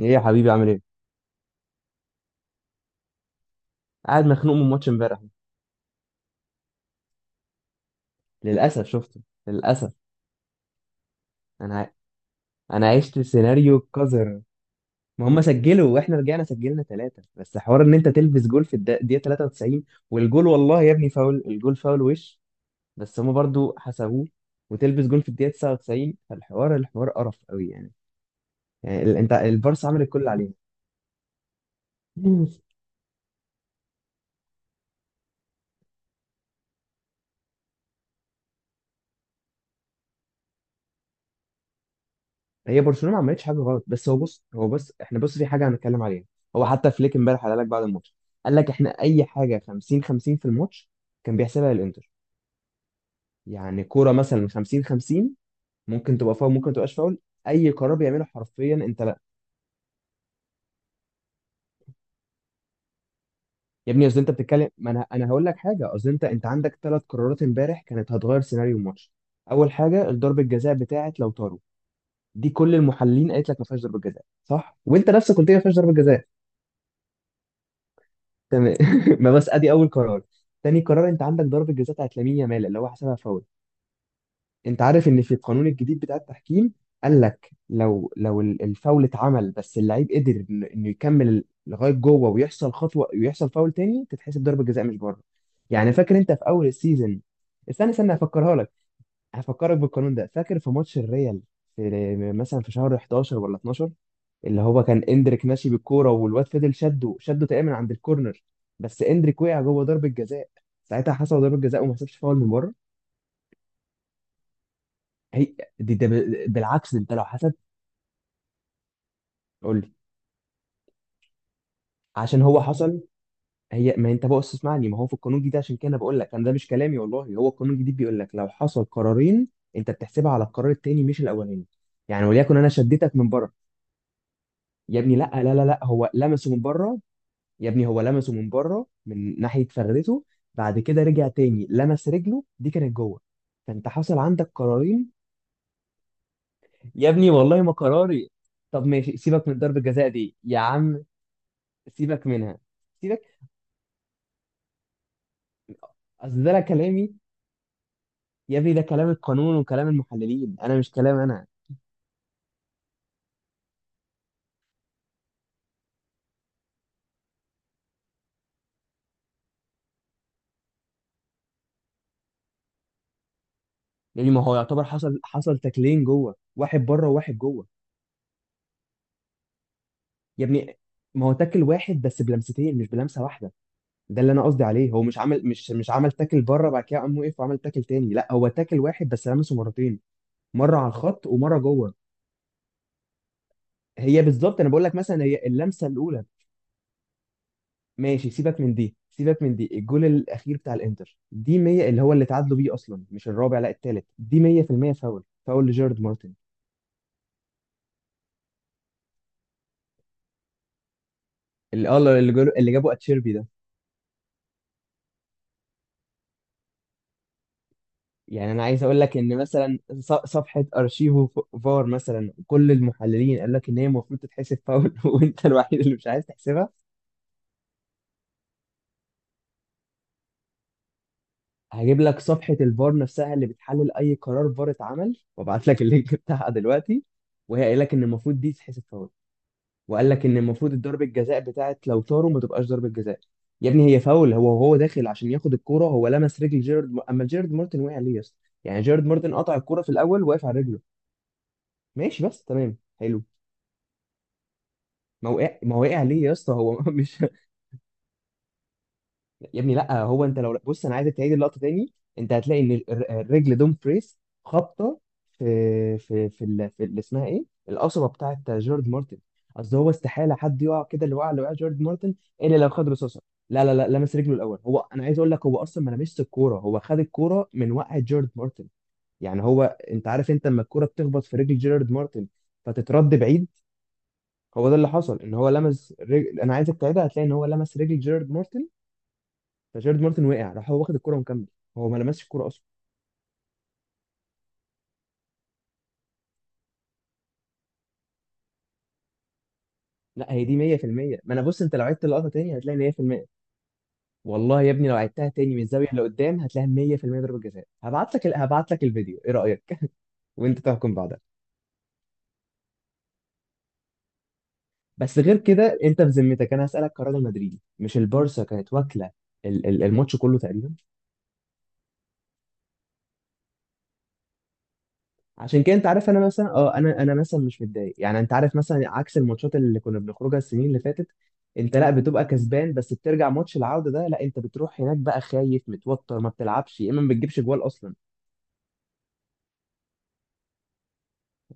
ايه يا حبيبي عامل ايه؟ قاعد مخنوق من ماتش امبارح. للاسف شفته، للاسف. انا ع- انا عشت سيناريو قذر. ما هم سجلوا واحنا رجعنا سجلنا ثلاثه، بس حوار ان انت تلبس جول في الدقيقه 93. والجول والله يا ابني فاول، الجول فاول وش، بس هم برضو حسبوه. وتلبس جول في الدقيقه 99. فالحوار قرف قوي انت البارسا عملت كل اللي عليها هي برشلونه ما عملتش حاجه غلط، بس هو بص احنا بص في حاجه هنتكلم عليها. هو حتى فليك امبارح قال لك بعد الماتش، قال لك احنا اي حاجه 50 50 في الماتش كان بيحسبها للانتر. يعني كوره مثلا 50 50 ممكن تبقى فاول، ممكن تبقاش فاول، اي قرار بيعمله حرفيا انت لا. يا ابني اصل انت بتتكلم، ما انا هقول لك حاجه. اصل انت عندك ثلاث قرارات امبارح كانت هتغير سيناريو الماتش. اول حاجه ضربه الجزاء بتاعت لوتارو، دي كل المحللين قالت لك ما فيهاش ضربه جزاء صح، وانت نفسك قلت لي ما فيهاش ضربه جزاء. تمام ما بس ادي اول قرار. تاني قرار، انت عندك ضربه جزاء بتاعت لامين يامال اللي هو حسبها فاول. انت عارف ان في القانون الجديد بتاع التحكيم، قال لك لو الفاول اتعمل بس اللعيب قدر انه يكمل لغايه جوه ويحصل خطوه ويحصل فاول تاني، تتحسب ضربه جزاء مش بره. يعني فاكر انت في اول السيزون، استنى هفكرها لك، هفكرك بالقانون ده. فاكر في ماتش الريال، في مثلا في شهر 11 ولا 12، اللي هو كان اندريك ماشي بالكوره والواد فضل شده تقريبا من عند الكورنر، بس اندريك وقع جوه ضربه جزاء. ساعتها حسب ضربه جزاء وما حسبش فاول من بره. هي دي، بالعكس ده انت لو حسب. قول لي. عشان هو حصل. هي ما انت بص اسمعني، ما هو في القانون الجديد، عشان كده أنا بقول لك انا، ده مش كلامي والله، هو القانون الجديد بيقول لك لو حصل قرارين انت بتحسبها على القرار التاني مش الاولاني. يعني وليكن انا شدتك من بره. يا ابني لا، هو لمسه من بره، يا ابني هو لمسه من بره من ناحية فرده. بعد كده رجع تاني لمس رجله، دي كانت جوه. فانت حصل عندك قرارين. يا ابني والله ما قراري. طب ماشي، سيبك من ضربة الجزاء دي يا عم، سيبك منها، سيبك. اصل ده لا كلامي، يا ابني ده كلام القانون وكلام المحللين، انا مش كلام انا. يعني ما هو يعتبر حصل، حصل تاكلين جوه، واحد بره وواحد جوه. يا ابني ما هو تاكل واحد بس بلمستين، مش بلمسة واحدة. ده اللي انا قصدي عليه، هو مش عمل تاكل بره بعد كده قام وقف وعمل تاكل تاني، لا هو تاكل واحد بس لمسه مرتين، مره على الخط ومره جوه. هي بالظبط، انا بقول لك مثلا هي اللمسه الاولى ماشي، سيبك من دي، سيبك من دي. الجول الاخير بتاع الانتر دي 100 اللي هو اللي تعادلوا بيه اصلا، مش الرابع لا التالت، دي 100% فاول، فاول لجيرارد مارتن. اللي اه اللي جابوا، اللي جابوا اتشيربي ده. يعني انا عايز اقول لك ان مثلا صفحه ارشيفو فار مثلا، كل المحللين قال لك ان هي المفروض تتحسب فاول وانت الوحيد اللي مش عايز تحسبها. هجيب لك صفحة الفار نفسها اللي بتحلل أي قرار فار اتعمل وابعت لك اللينك بتاعها دلوقتي، وهي قايل لك إن المفروض دي تتحسب فاول. وقال لك إن المفروض الضربة جزاء بتاعت لو طاروا ما تبقاش ضربة جزاء. يا ابني هي فاول، هو وهو داخل عشان ياخد الكورة هو لمس رجل أما جيرارد مارتن وقع ليه يا اسطى؟ يعني جيرارد مارتن قطع الكورة في الأول، وقف على رجله، ماشي، بس تمام حلو. ما وقع، ما وقع ليه يا اسطى هو مش، يا ابني لا، هو انت لو بص انا عايزك تعيد اللقطه تاني، انت هتلاقي ان الرجل دوم فريس خابطه في في اللي اسمها ايه القصبه بتاعت جورج مارتن. اصل هو استحاله حد يقع كده، اللي وقع، اللي وقع جورج مارتن الا لو خد رصاصه. لا لمس رجله الاول، هو انا عايز اقول لك هو اصلا ما لمسش الكوره، هو خد الكوره من وقع جورج مارتن. يعني هو، انت عارف انت لما الكوره بتخبط في رجل جيرارد مارتن فتترد بعيد، هو ده اللي حصل، ان هو لمس رجل. انا عايزك تعيدها هتلاقي ان هو لمس رجل جيرارد مارتن، فجيرارد مارتن وقع راح هو واخد الكرة ومكمل. هو ما لمسش الكرة اصلا. لا هي دي 100%، ما انا بص انت لو عدت اللقطة تاني هتلاقي إن 100%. والله يا ابني لو عدتها تاني من الزاوية اللي قدام هتلاقيها 100% ضربة جزاء. هبعت لك هبعت لك الفيديو، ايه رأيك وانت تحكم بعدها. بس غير كده، انت بذمتك انا هسألك كراجل مدريدي مش البارسا، كانت واكلة الماتش كله تقريبا. عشان كده انت عارف انا مثلا اه، انا مثلا مش متضايق يعني، انت عارف مثلا عكس الماتشات اللي كنا بنخرجها السنين اللي فاتت، انت لا بتبقى كسبان، بس بترجع ماتش العودة ده لا انت بتروح هناك بقى خايف متوتر، ما بتلعبش يا اما ما بتجيبش جوال اصلا.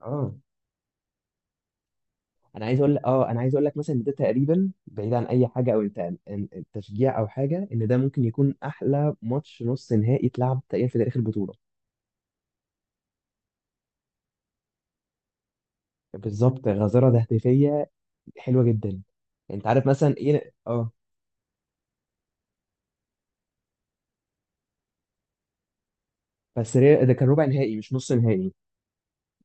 اه، انا عايز اقول اه، انا عايز اقول لك مثلا ان ده تقريبا بعيد عن اي حاجه او انت تشجيع او حاجه، ان ده ممكن يكون احلى ماتش نص نهائي اتلعب تقريبا في تاريخ البطوله. بالظبط، غزاره تهديفيه حلوه جدا. انت عارف مثلا ايه اه، ده كان ربع نهائي مش نص نهائي.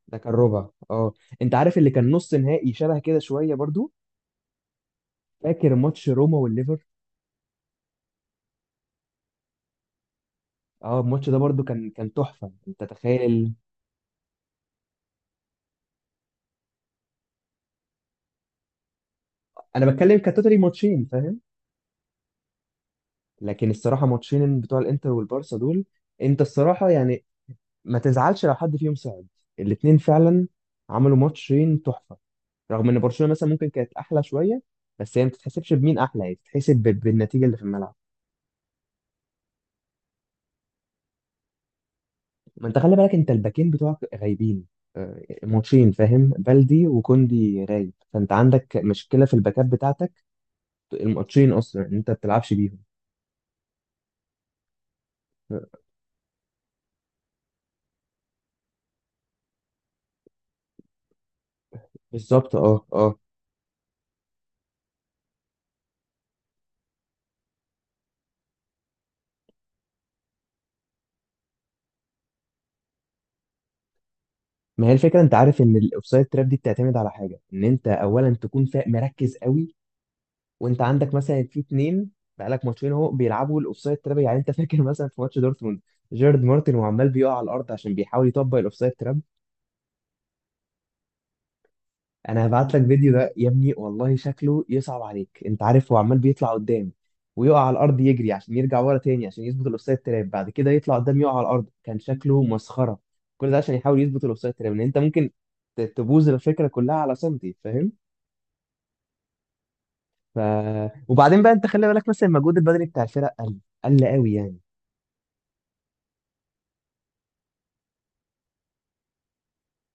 ده كان ربع، اه. انت عارف اللي كان نص نهائي شبه كده شويه برضو، فاكر ماتش روما والليفر؟ اه الماتش ده برضو كان، كان تحفه انت تخيل. انا بتكلم كتوتالي ماتشين فاهم؟ لكن الصراحه ماتشين بتوع الانتر والبارسا دول، انت الصراحه يعني ما تزعلش لو حد فيهم صعد، الاتنين فعلا عملوا ماتشين تحفه. رغم ان برشلونه مثلا ممكن كانت احلى شويه، بس هي ما تتحسبش بمين احلى، هي تتحسب بالنتيجه اللي في الملعب. ما انت خلي بالك انت الباكين بتوعك غايبين، آه، ماتشين فاهم، بلدي وكوندي غايب، فانت عندك مشكله في الباكات بتاعتك، الماتشين اصلا ان انت ما بتلعبش بيهم. آه، بالظبط اه اه. ما هي الفكره، انت عارف ان الاوفسايد تراب دي بتعتمد على حاجه، ان انت اولا تكون مركز قوي. وانت عندك مثلا في اتنين، بقالك ماتشين اهو بيلعبوا الاوفسايد تراب، يعني انت فاكر مثلا في ماتش دورتموند جيرارد مارتن وعمال بيقع على الارض عشان بيحاول يطبق الاوفسايد تراب. انا هبعت لك فيديو ده يا ابني والله شكله يصعب عليك، انت عارف هو عمال بيطلع قدام ويقع على الارض، يجري عشان يرجع ورا تاني عشان يظبط الاوفسايد تراب، بعد كده يطلع قدام يقع على الارض، كان شكله مسخره. كل ده عشان يحاول يظبط الاوفسايد تراب، ان انت ممكن تبوظ الفكره كلها على سنتي فاهم. ف... وبعدين بقى انت خلي بالك مثلا المجهود البدني بتاع الفرق قل، قل قوي يعني.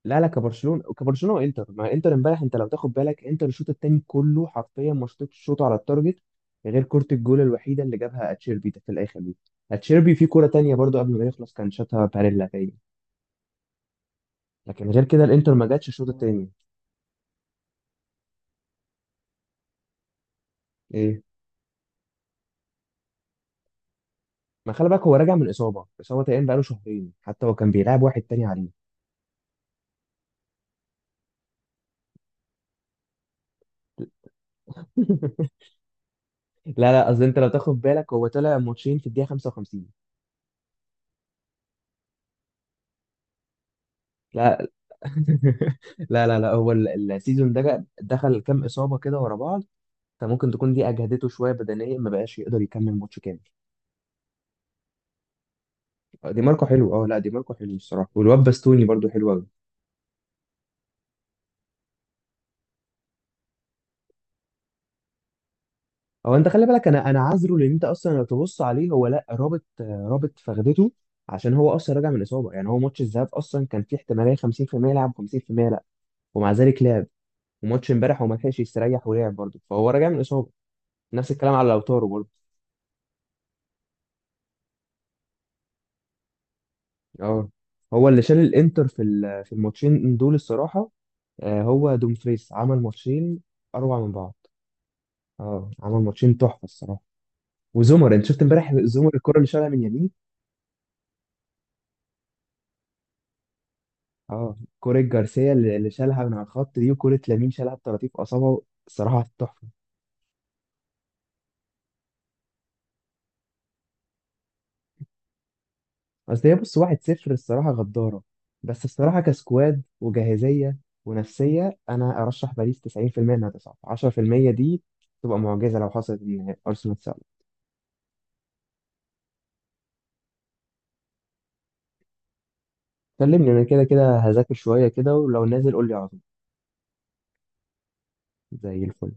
لا لا، كبرشلونه، كبرشلونه وانتر. ما انتر امبارح انت لو تاخد بالك، انتر الشوط الثاني كله حرفيا ما شطتش شوط على التارجت غير كره الجول الوحيده اللي جابها اتشيربي ده في الاخر دي. اتشيربي في كره تانية برضو قبل ما يخلص كان شاتها باريلا تاني، لكن غير كده الانتر ما جاتش الشوط الثاني. ايه، ما خلي بالك هو راجع من اصابه، اصابه تقريبا بقاله شهرين، حتى هو كان بيلعب واحد تاني عليه لا لا، قصدي انت لو تاخد بالك هو طلع ماتشين في الدقيقه 55. لا لا لا هو السيزون ده دخل كام اصابه كده ورا بعض، فممكن تكون دي اجهدته شويه بدنيا ما بقاش يقدر يكمل ماتش كامل. دي ماركو حلو اه، لا دي ماركو حلو الصراحه، والواد باستوني برضو حلو قوي. هو انت خلي بالك انا، عذره لان انت اصلا لو تبص عليه هو لا رابط، رابط فخدته، عشان هو اصلا راجع من اصابه. يعني هو ماتش الذهاب اصلا كان فيه احتماليه 50% يلعب 50% لا، ومع ذلك لعب. وماتش امبارح هو ما لحقش يستريح ولعب برضه، فهو راجع من اصابه. نفس الكلام على لوتارو برضه. اه، هو اللي شال الانتر في الماتشين دول الصراحه. آه، هو دومفريس عمل ماتشين اروع من بعض. اه عمل ماتشين تحفه الصراحه. وزمر انت شفت امبارح زمر الكره اللي شالها من يمين؟ اه كره جارسيا اللي، اللي شالها من على الخط دي، وكره لامين شالها بطراطيف اصابعه. الصراحه تحفه. اصل هي بص 1-0، الصراحه غداره، بس الصراحه كسكواد وجاهزيه ونفسيه انا ارشح باريس 90% انها تصعد، 10% دي تبقى معجزه لو حصلت ان ارسنال تصعد. كلمني، انا كده كده هذاكر شويه كده، ولو نازل قول لي على طول. زي الفل.